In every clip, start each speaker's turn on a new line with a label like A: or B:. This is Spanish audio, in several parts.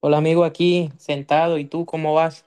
A: Hola amigo, aquí sentado, ¿y tú cómo vas?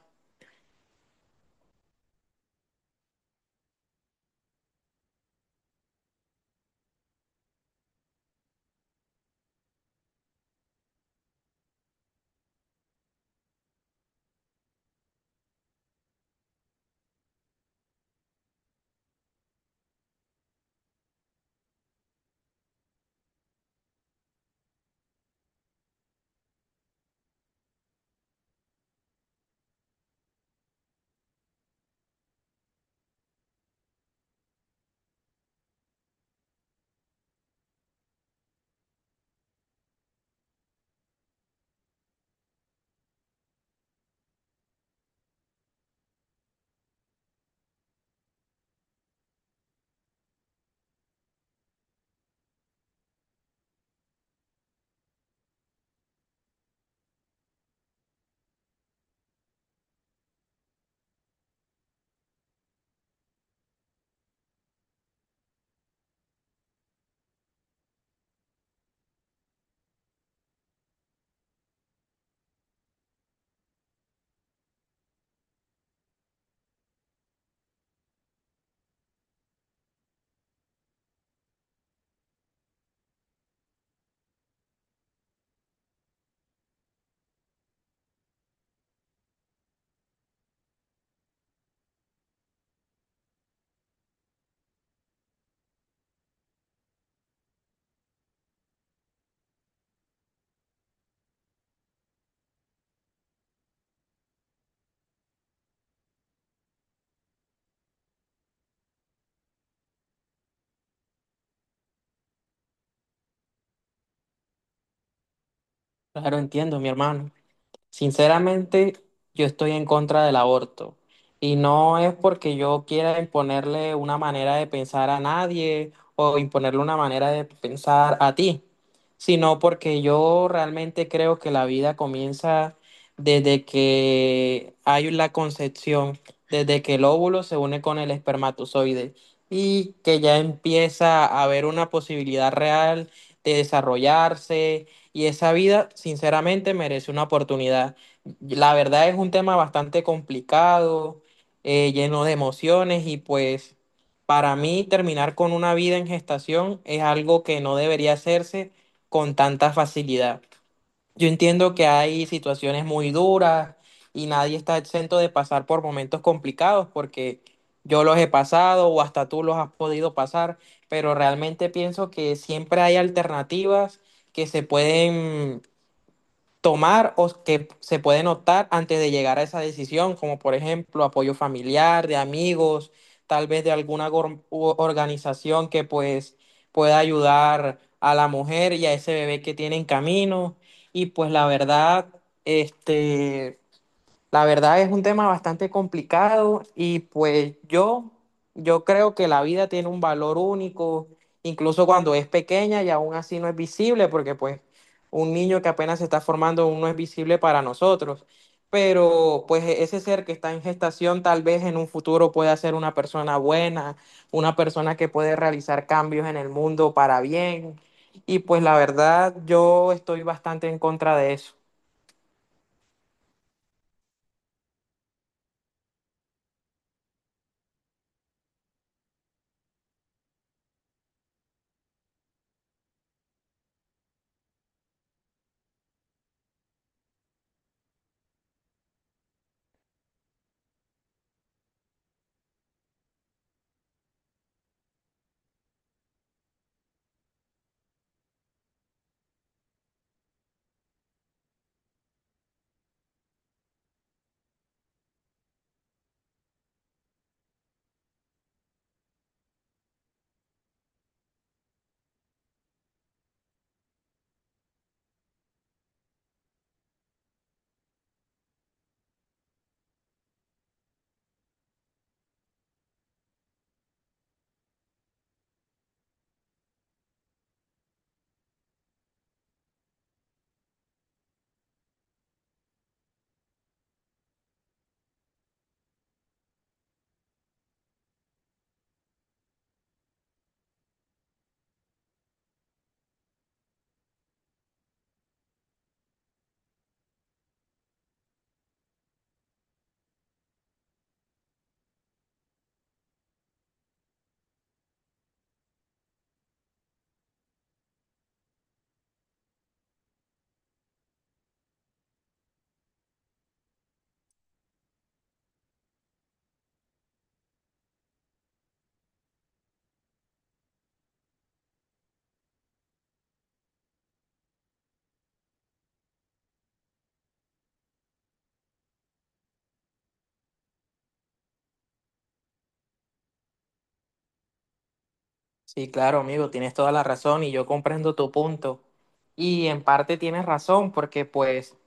A: Claro, entiendo, mi hermano. Sinceramente, yo estoy en contra del aborto y no es porque yo quiera imponerle una manera de pensar a nadie o imponerle una manera de pensar a ti, sino porque yo realmente creo que la vida comienza desde que hay la concepción, desde que el óvulo se une con el espermatozoide y que ya empieza a haber una posibilidad real de desarrollarse y esa vida sinceramente merece una oportunidad. La verdad es un tema bastante complicado, lleno de emociones y pues para mí terminar con una vida en gestación es algo que no debería hacerse con tanta facilidad. Yo entiendo que hay situaciones muy duras y nadie está exento de pasar por momentos complicados porque yo los he pasado o hasta tú los has podido pasar, pero realmente pienso que siempre hay alternativas que se pueden tomar o que se puede notar antes de llegar a esa decisión, como por ejemplo apoyo familiar, de amigos, tal vez de alguna organización que pues pueda ayudar a la mujer y a ese bebé que tiene en camino. Y pues la verdad, este, la verdad es un tema bastante complicado y pues yo creo que la vida tiene un valor único, incluso cuando es pequeña y aún así no es visible, porque pues un niño que apenas se está formando aún no es visible para nosotros, pero pues ese ser que está en gestación tal vez en un futuro pueda ser una persona buena, una persona que puede realizar cambios en el mundo para bien y pues la verdad yo estoy bastante en contra de eso. Sí, claro, amigo, tienes toda la razón y yo comprendo tu punto. Y en parte tienes razón porque pues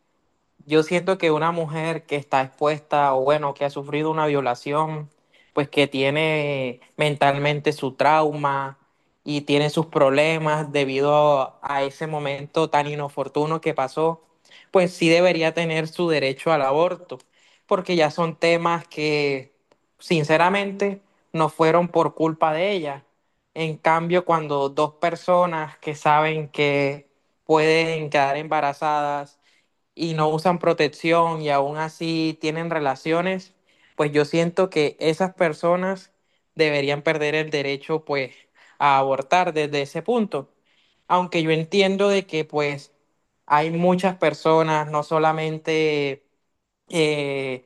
A: yo siento que una mujer que está expuesta o bueno, que ha sufrido una violación, pues que tiene mentalmente su trauma y tiene sus problemas debido a ese momento tan inoportuno que pasó, pues sí debería tener su derecho al aborto, porque ya son temas que sinceramente no fueron por culpa de ella. En cambio, cuando dos personas que saben que pueden quedar embarazadas, y no usan protección y aún así tienen relaciones, pues yo siento que esas personas deberían perder el derecho pues a abortar desde ese punto. Aunque yo entiendo de que pues hay muchas personas, no solamente eh,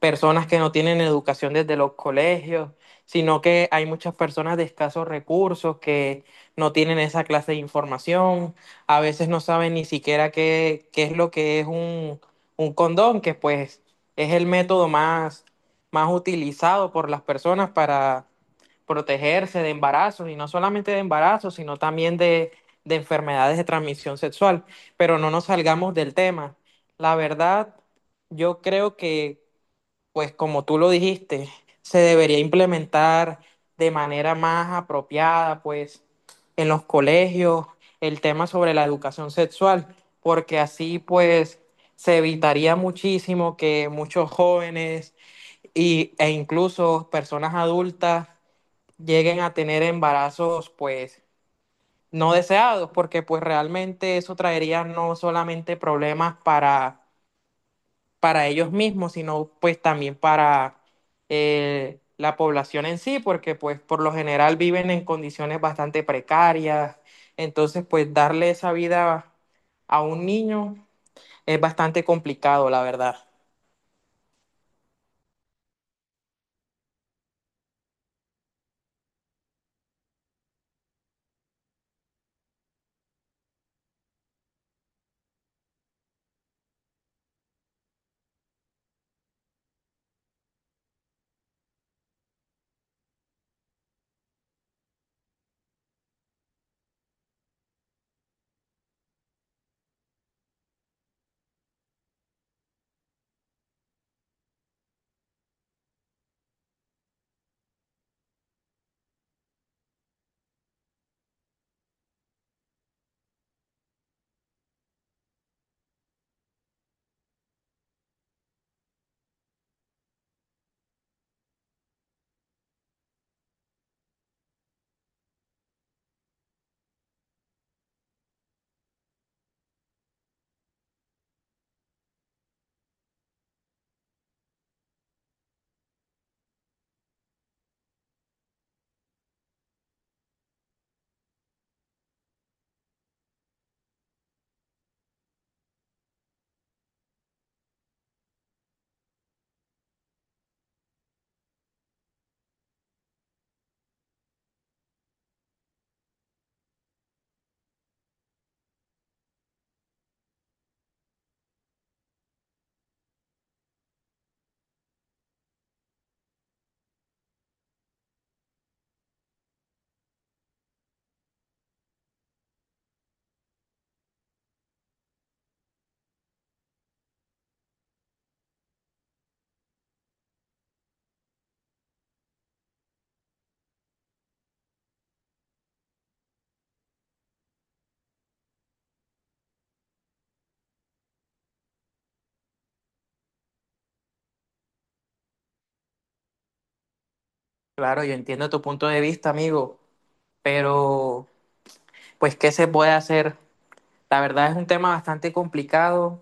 A: personas que no tienen educación desde los colegios, sino que hay muchas personas de escasos recursos que no tienen esa clase de información, a veces no saben ni siquiera qué, qué es lo que es un condón, que pues es el método más, más utilizado por las personas para protegerse de embarazos, y no solamente de embarazos, sino también de enfermedades de transmisión sexual. Pero no nos salgamos del tema. La verdad, yo creo que pues como tú lo dijiste, se debería implementar de manera más apropiada, pues en los colegios, el tema sobre la educación sexual, porque así pues se evitaría muchísimo que muchos jóvenes y, e incluso personas adultas lleguen a tener embarazos pues no deseados, porque pues realmente eso traería no solamente problemas para ellos mismos, sino pues también para la población en sí, porque pues por lo general viven en condiciones bastante precarias, entonces pues darle esa vida a un niño es bastante complicado, la verdad. Claro, yo entiendo tu punto de vista, amigo, pero pues ¿qué se puede hacer? La verdad es un tema bastante complicado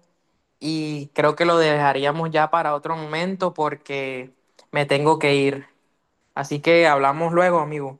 A: y creo que lo dejaríamos ya para otro momento porque me tengo que ir. Así que hablamos luego, amigo.